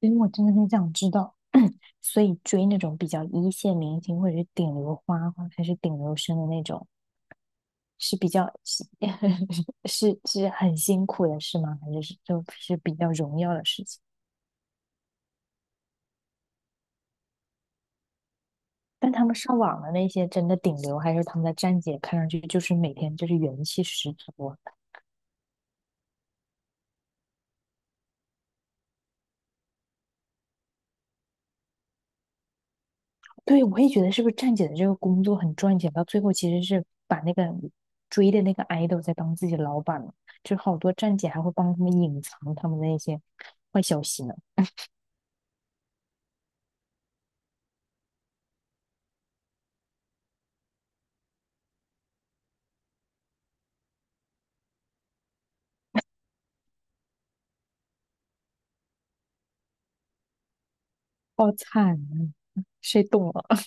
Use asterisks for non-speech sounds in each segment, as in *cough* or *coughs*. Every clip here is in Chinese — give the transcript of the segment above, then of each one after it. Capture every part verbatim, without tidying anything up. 因为我真的很想知道，*clears throat* 所以追那种比较一线明星或者是顶流花花还是顶流生的那种，是比较是 *laughs* 是是很辛苦的事吗？还是是就是比较荣耀的事情？但他们上网的那些真的顶流，还是他们的站姐，看上去就是每天就是元气十足啊。对，我也觉得是不是站姐的这个工作很赚钱，到最后其实是把那个追的那个 idol 在当自己的老板了，就好多站姐还会帮他们隐藏他们的那些坏消息呢，好惨啊，谁懂啊？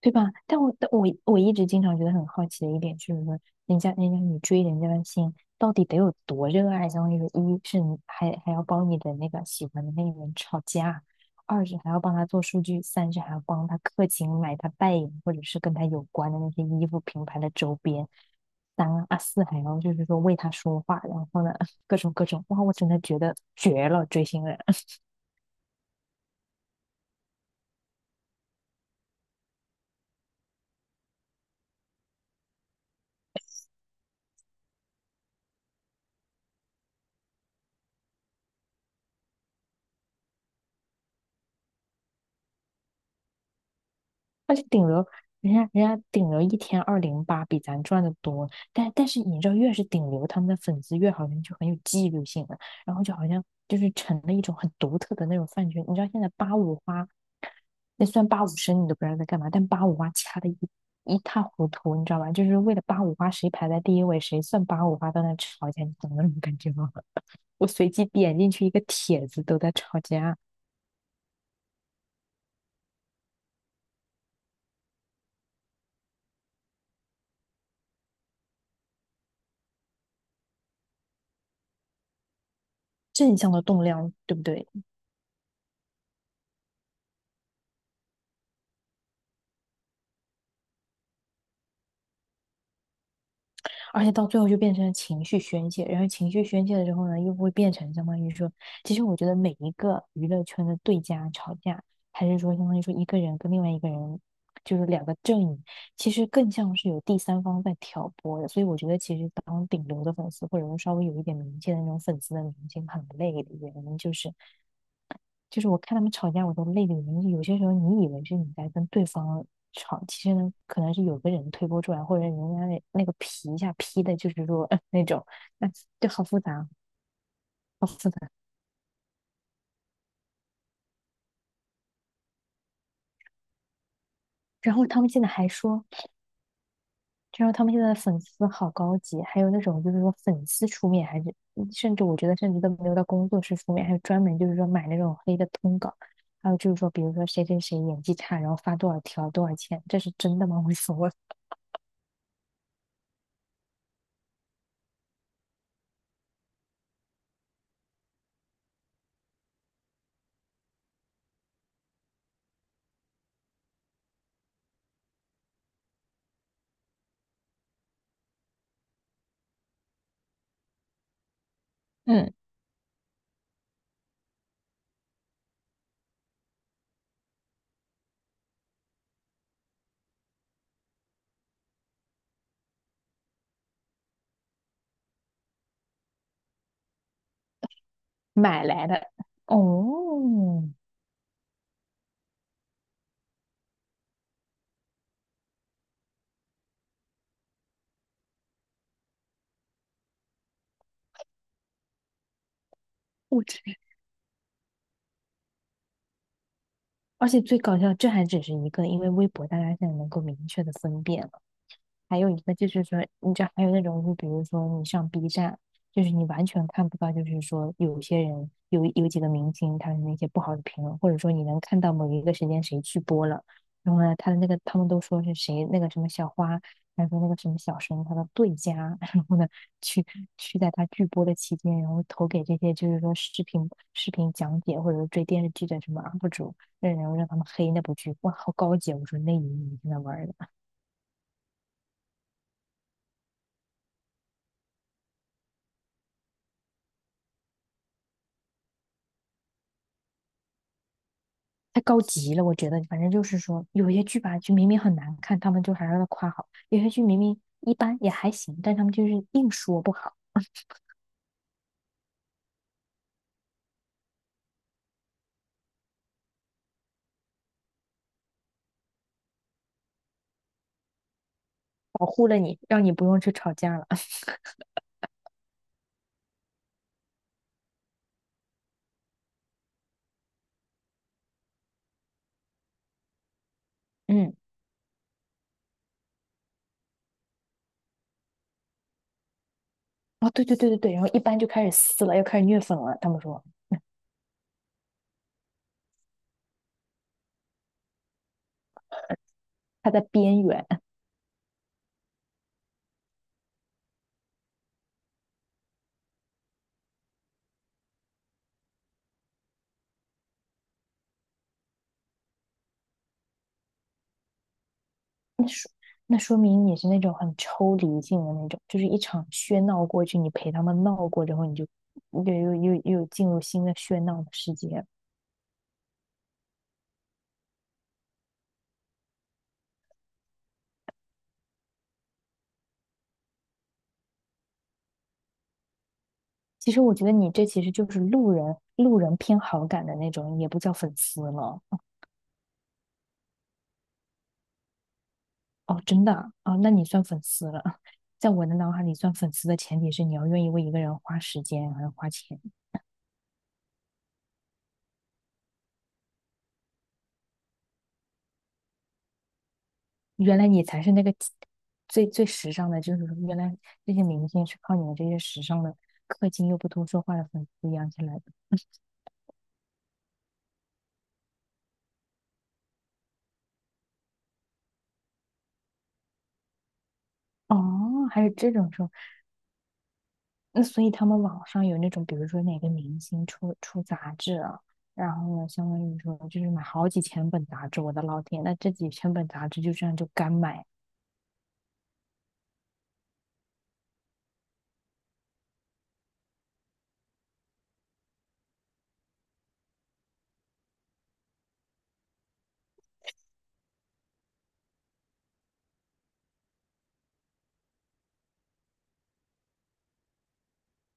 对吧？但我但我我一直经常觉得很好奇的一点就是说，人家人家你追人家的心到底得有多热爱？相当于说，一是你还还要帮你的那个喜欢的那个人吵架，二是还要帮他做数据，三是还要帮他氪金买他代言或者是跟他有关的那些衣服品牌的周边，三，啊啊四还要就是说为他说话，然后呢 *laughs* 各种各种，哇，我真的觉得绝了，追星人。而且顶流，人家人家顶流一天二零八，比咱赚的多。但但是你知道，越是顶流，他们的粉丝越好像就很有纪律性了，然后就好像就是成了一种很独特的那种饭圈。你知道现在八五花，那虽然八五身你都不知道在干嘛，但八五花掐的一一塌糊涂，你知道吧？就是为了八五花谁排在第一位，谁算八五花，都在那吵架，你懂那种感觉吗？*laughs* 我随机点进去一个帖子，都在吵架，正向的动量，对不对？而且到最后就变成了情绪宣泄，然后情绪宣泄了之后呢，又会变成相当于说，其实我觉得每一个娱乐圈的对家吵架，还是说相当于说一个人跟另外一个人，就是两个阵营，其实更像是有第三方在挑拨的。所以我觉得，其实当顶流的粉丝，或者说稍微有一点名气的那种粉丝的明星，很累的原因就是。就是我看他们吵架，我都泪流满面。有些时候你以为是你在跟对方吵，其实呢，可能是有个人推波助澜，或者人家那那个皮一下劈的，就是说、*laughs* 呃那种，那、就好复杂，好复杂。然后他们现在还说，就说他们现在的粉丝好高级，还有那种就是说粉丝出面，还是甚至我觉得甚至都没有到工作室出面，还有专门就是说买那种黑的通稿。还有就是说，比如说谁谁谁演技差，然后发多少条多少钱，这是真的吗？*laughs* 无所谓。嗯。买来的。哦，我去，而且最搞笑，这还只是一个，因为微博大家现在能够明确的分辨，还有一个就是说，你知道还有那种，就比如说你上 B 站，就是你完全看不到，就是说有些人有有几个明星他的那些不好的评论，或者说你能看到某一个时间谁去播了，然后呢，他的那个他们都说是谁那个什么小花，还说那个什么小生他的对家，*laughs* 然后呢去去在他剧播的期间，然后投给这些就是说视频视频讲解或者说追电视剧的什么 U P 主，让然后让他们黑那部剧，哇，好高级啊！我说那你你在那玩儿的。太高级了，我觉得，反正就是说，有些剧吧，就明明很难看，他们就还让要夸好；有些剧明明一般也还行，但他们就是硬说不好，保护了你，让你不用去吵架了。*laughs* 嗯，哦，对对对对对，然后一般就开始撕了，又开始虐粉了。他们说他在边缘，*laughs* 那说那说明你是那种很抽离性的那种，就是一场喧闹过去，你陪他们闹过之后，你就又又又又进入新的喧闹的世界了。其实我觉得你这其实就是路人路人偏好感的那种，也不叫粉丝了。哦，真的啊，哦那你算粉丝了。*laughs* 在我的脑海里，算粉丝的前提是你要愿意为一个人花时间，还要花钱。原来你才是那个最最时尚的，就是原来这些明星是靠你们这些时尚的、氪金又不多说话的粉丝养起来的。*laughs* 哦，还有这种说那所以他们网上有那种，比如说哪个明星出出杂志了，然后呢，相当于说就是买好几千本杂志，我的老天，那这几千本杂志就这样就干买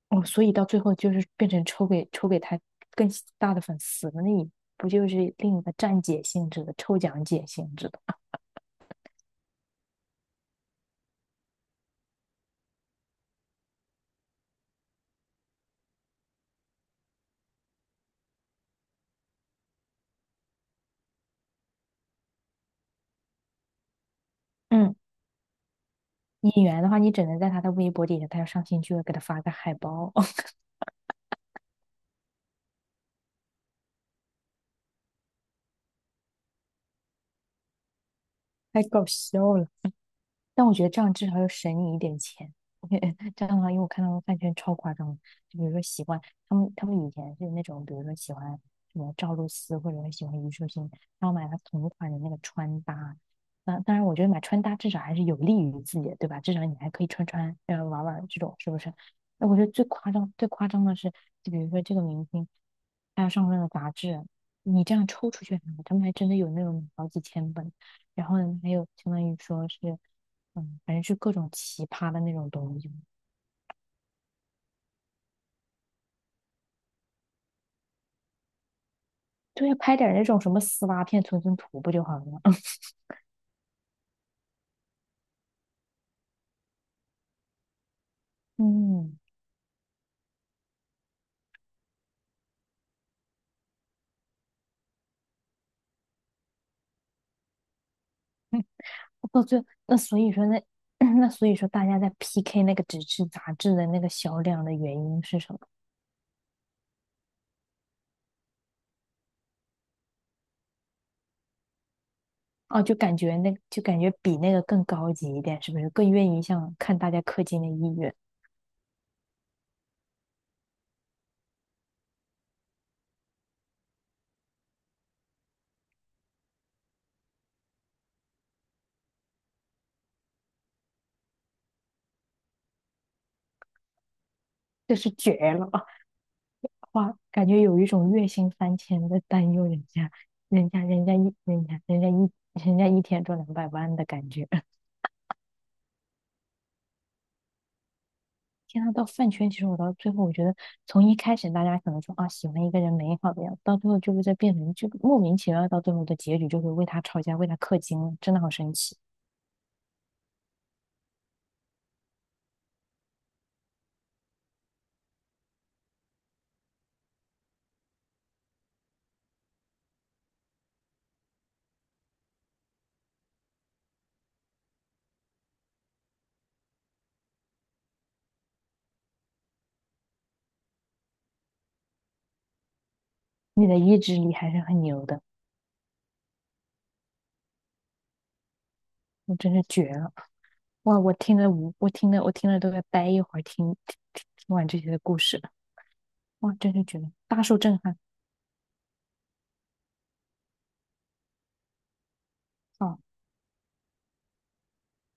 哦，所以到最后就是变成抽给抽给他更大的粉丝了，那你不就是另一个站姐性质的抽奖姐性质的？嗯，演员的话，你只能在他的微博底下，他要上新剧会给他发个海报，*laughs* 太搞笑了。但我觉得这样至少要省你一点钱。*laughs* 这样的话，因为我看他们饭圈超夸张的，就比如说喜欢他们，他们以前是那种，比如说喜欢什么赵露思或者是喜欢虞书欣，然后买了同款的那个穿搭。那当然，我觉得买穿搭至少还是有利于自己的，对吧？至少你还可以穿穿，呃，玩玩这种，是不是？那我觉得最夸张、最夸张的是，就比如说这个明星，他要上那个杂志，你这样抽出去，他们还真的有那种好几千本。然后呢，还有相当于说是。嗯，反正是各种奇葩的那种东西。对，拍点儿那种什么丝袜片存存图不就好了吗？*laughs* 嗯，到最后，那所以说那 *coughs* *clears throat* 那所以说大家在 P K 那个纸质杂志的那个销量的原因是什么？哦，就感觉那就感觉比那个更高级一点，是不是？更愿意像看大家氪金的意愿，这是绝了！哇，感觉有一种月薪三千在担忧人家，人家人家一人家人家一人家一天赚两百万的感觉。天呐，到饭圈，其实我到最后，我觉得从一开始大家可能说啊喜欢一个人美好的样子，到最后就会在变成就莫名其妙，到最后的结局就会为他吵架，为他氪金了，真的好神奇！你的意志力还是很牛的，我真是绝了！哇，我听了我我听了我听了都要待一会儿听，听听完这些的故事了哇，真是绝了，大受震撼！啊！